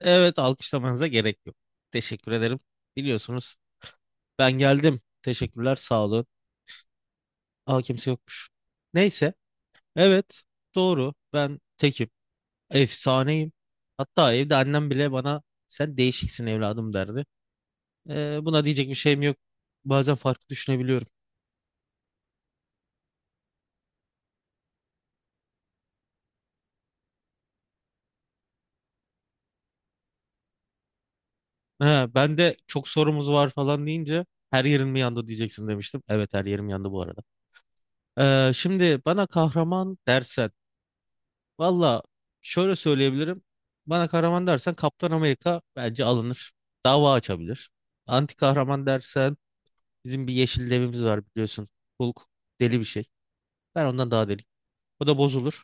Evet, alkışlamanıza gerek yok. Teşekkür ederim. Biliyorsunuz ben geldim. Teşekkürler, sağ olun. Aa kimse yokmuş. Neyse, evet doğru. Ben tekim. Efsaneyim. Hatta evde annem bile bana sen değişiksin evladım derdi. Buna diyecek bir şeyim yok. Bazen farklı düşünebiliyorum. He, ben de çok sorumuz var falan deyince her yerin mi yandı diyeceksin demiştim. Evet her yerim yandı bu arada. Şimdi bana kahraman dersen valla şöyle söyleyebilirim. Bana kahraman dersen Kaptan Amerika bence alınır. Dava açabilir. Anti kahraman dersen bizim bir yeşil devimiz var biliyorsun. Hulk deli bir şey. Ben ondan daha deli. O da bozulur.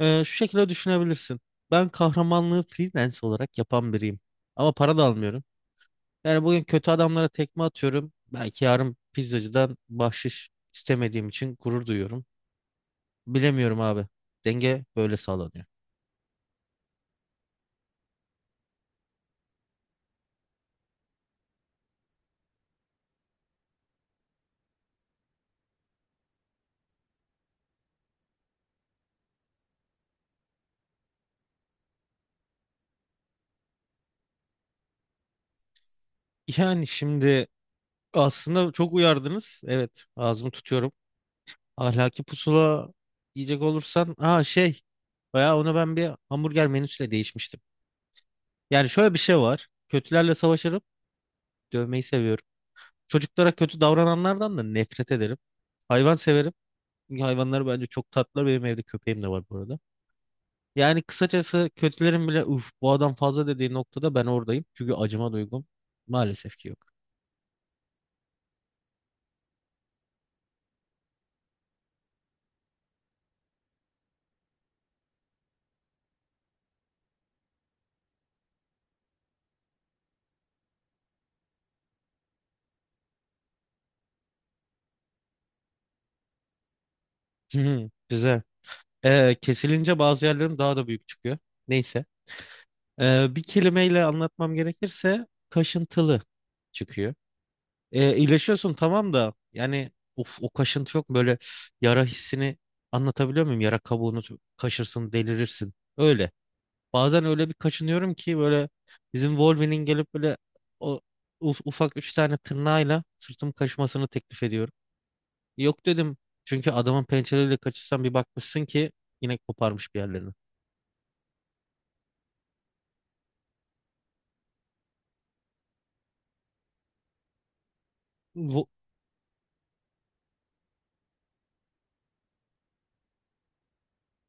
Şu şekilde düşünebilirsin. Ben kahramanlığı freelance olarak yapan biriyim. Ama para da almıyorum. Yani bugün kötü adamlara tekme atıyorum. Belki yarın pizzacıdan bahşiş istemediğim için gurur duyuyorum. Bilemiyorum abi. Denge böyle sağlanıyor. Yani şimdi, aslında çok uyardınız. Evet, ağzımı tutuyorum. Ahlaki pusula yiyecek olursan, bayağı ona ben bir hamburger menüsüyle değişmiştim. Yani şöyle bir şey var. Kötülerle savaşırım, dövmeyi seviyorum. Çocuklara kötü davrananlardan da nefret ederim. Hayvan severim. Çünkü hayvanlar bence çok tatlılar. Benim evde köpeğim de var bu arada. Yani kısacası kötülerin bile uf bu adam fazla dediği noktada ben oradayım. Çünkü acıma duygum maalesef ki yok. Güzel. Kesilince bazı yerlerim daha da büyük çıkıyor. Neyse. Bir kelimeyle anlatmam gerekirse kaşıntılı çıkıyor. İyileşiyorsun tamam da yani of o kaşıntı yok mu? Böyle yara hissini anlatabiliyor muyum? Yara kabuğunu kaşırsın delirirsin. Öyle. Bazen öyle bir kaşınıyorum ki böyle bizim Wolverine'in gelip böyle o ufak üç tane tırnağıyla sırtım kaşımasını teklif ediyorum. Yok dedim çünkü adamın pençeleriyle kaşırsan bir bakmışsın ki yine koparmış bir yerlerini.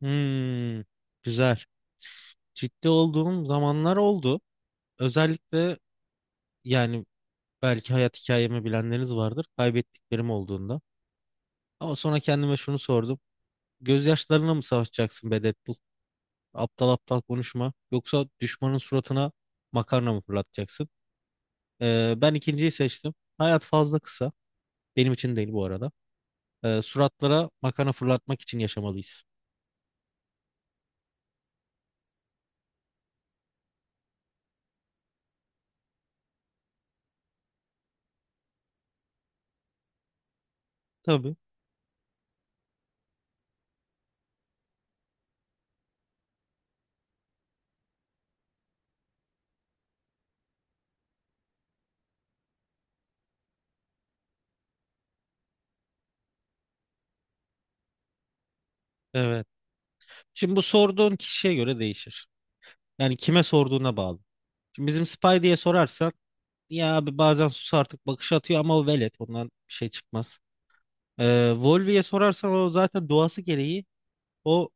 Hmm, güzel. Ciddi olduğum zamanlar oldu. Özellikle yani belki hayat hikayemi bilenleriniz vardır. Kaybettiklerim olduğunda. Ama sonra kendime şunu sordum. Gözyaşlarına mı savaşacaksın be Deadpool? Aptal aptal konuşma. Yoksa düşmanın suratına makarna mı fırlatacaksın? Ben ikinciyi seçtim. Hayat fazla kısa. Benim için değil bu arada. Suratlara makarna fırlatmak için yaşamalıyız. Tabii. Evet. Şimdi bu sorduğun kişiye göre değişir. Yani kime sorduğuna bağlı. Şimdi bizim Spy diye sorarsan ya abi bazen sus artık bakış atıyor ama o velet ondan bir şey çıkmaz. Volvi'ye sorarsan o zaten doğası gereği o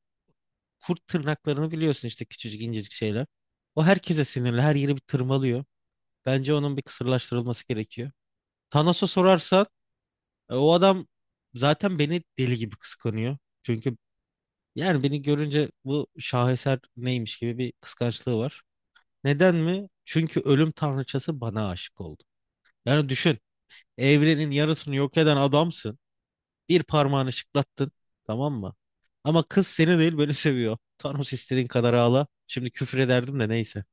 kurt tırnaklarını biliyorsun işte küçücük incecik şeyler. O herkese sinirli her yeri bir tırmalıyor. Bence onun bir kısırlaştırılması gerekiyor. Thanos'a sorarsan o adam zaten beni deli gibi kıskanıyor. Çünkü yani beni görünce bu şaheser neymiş gibi bir kıskançlığı var. Neden mi? Çünkü ölüm tanrıçası bana aşık oldu. Yani düşün. Evrenin yarısını yok eden adamsın. Bir parmağını şıklattın. Tamam mı? Ama kız seni değil beni seviyor. Thanos istediğin kadar ağla. Şimdi küfür ederdim de neyse.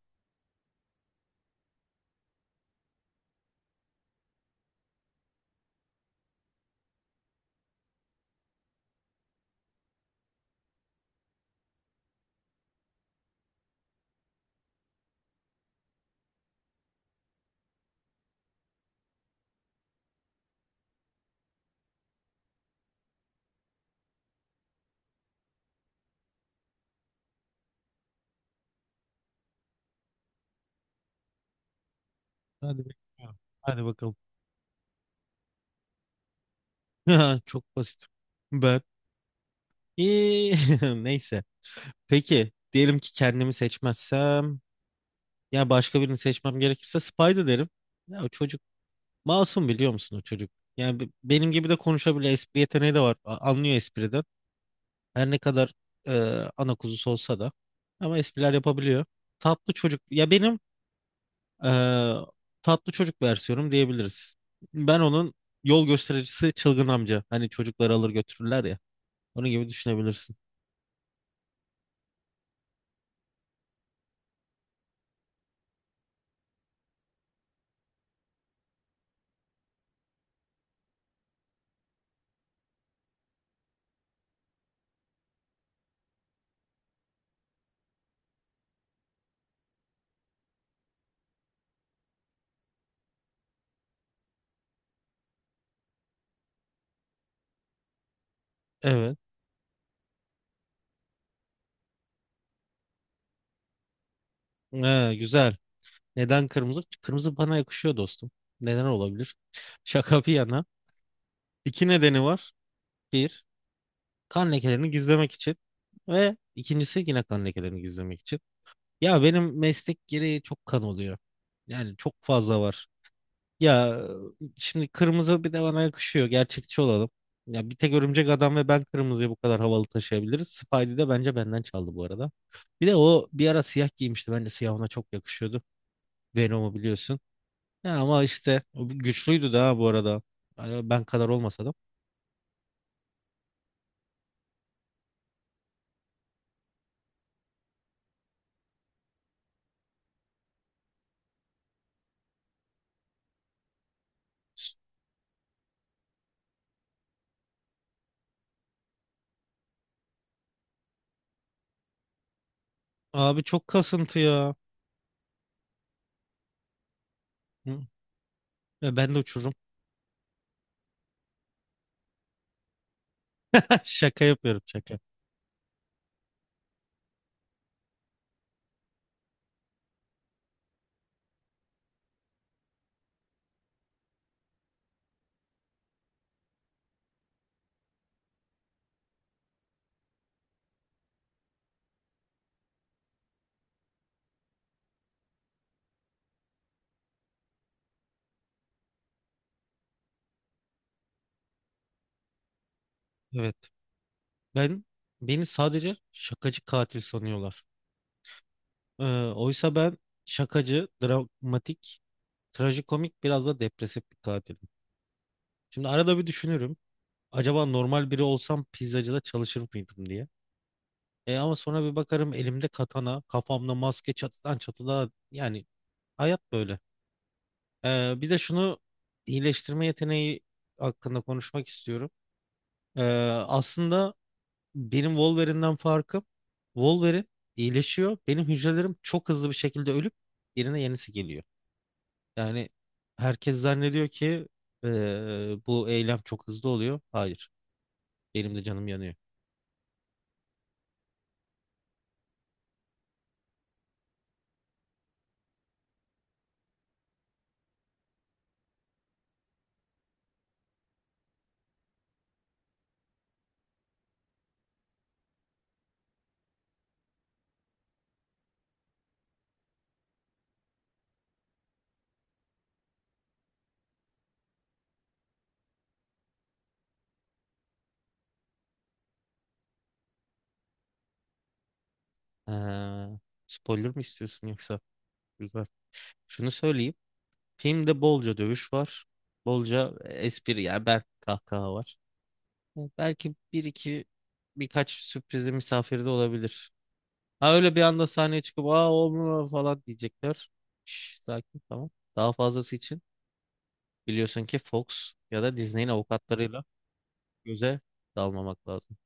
Hadi bakalım. Hadi bakalım. Çok basit. Ben. İyi, neyse. Peki. Diyelim ki kendimi seçmezsem. Ya başka birini seçmem gerekirse Spider derim. Ya o çocuk masum biliyor musun o çocuk? Yani benim gibi de konuşabiliyor. Espri yeteneği de var. Anlıyor espriden. Her ne kadar e, ana kuzusu olsa da. Ama espriler yapabiliyor. Tatlı çocuk. Ya benim e, tatlı çocuk versiyonum diyebiliriz. Ben onun yol göstericisi çılgın amca. Hani çocukları alır götürürler ya. Onun gibi düşünebilirsin. Evet. Güzel. Neden kırmızı? Kırmızı bana yakışıyor dostum. Neden olabilir? Şaka bir yana. İki nedeni var. Bir, kan lekelerini gizlemek için. Ve ikincisi yine kan lekelerini gizlemek için. Ya benim meslek gereği çok kan oluyor. Yani çok fazla var. Ya şimdi kırmızı bir de bana yakışıyor. Gerçekçi olalım. Ya bir tek Örümcek Adam ve ben kırmızıyı bu kadar havalı taşıyabiliriz. Spidey de bence benden çaldı bu arada. Bir de o bir ara siyah giymişti. Bence siyah ona çok yakışıyordu. Venom'u biliyorsun. Ya ama işte o güçlüydü daha bu arada. Ay, ben kadar olmasa da. Abi çok kasıntı ya. Hı. Ya ben de uçururum. Şaka yapıyorum şaka. Evet. Ben beni sadece şakacı katil sanıyorlar. Ee, Oysa ben şakacı, dramatik, trajikomik biraz da depresif bir katilim. Şimdi arada bir düşünürüm. Acaba normal biri olsam pizzacıda çalışır mıydım diye. E ama sonra bir bakarım elimde katana, kafamda maske çatıdan çatıda yani hayat böyle. Bir de şunu iyileştirme yeteneği hakkında konuşmak istiyorum. Ee, Aslında benim Wolverine'den farkım, Wolverine iyileşiyor. Benim hücrelerim çok hızlı bir şekilde ölüp yerine yenisi geliyor. Yani herkes zannediyor ki bu eylem çok hızlı oluyor. Hayır. Benim de canım yanıyor. Ha, spoiler mı istiyorsun yoksa? Güzel. Şunu söyleyeyim. Filmde bolca dövüş var. Bolca espri yani ben kahkaha var. Belki bir iki birkaç sürprizi misafirde olabilir. Ha öyle bir anda sahneye çıkıp aa o mu?" falan diyecekler. Şş, sakin tamam. Daha fazlası için biliyorsun ki Fox ya da Disney'in avukatlarıyla göze dalmamak lazım.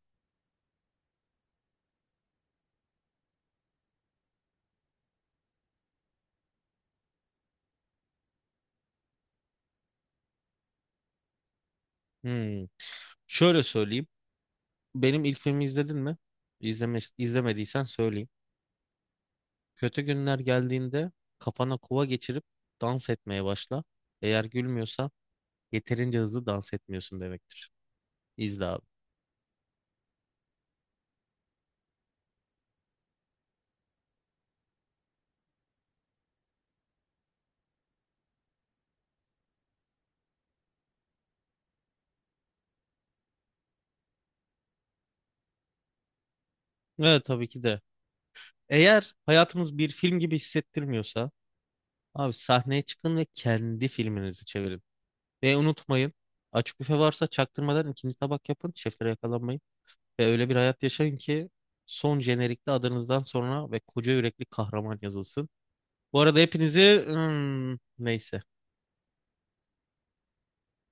Hmm. Şöyle söyleyeyim. Benim ilk filmi izledin mi? İzleme, izlemediysen söyleyeyim. Kötü günler geldiğinde kafana kova geçirip dans etmeye başla. Eğer gülmüyorsa yeterince hızlı dans etmiyorsun demektir. İzle abi. Evet tabii ki de. Eğer hayatınız bir film gibi hissettirmiyorsa abi sahneye çıkın ve kendi filminizi çevirin. Ve unutmayın açık büfe varsa çaktırmadan ikinci tabak yapın. Şeflere yakalanmayın. Ve öyle bir hayat yaşayın ki son jenerikte adınızdan sonra ve koca yürekli kahraman yazılsın. Bu arada hepinizi neyse.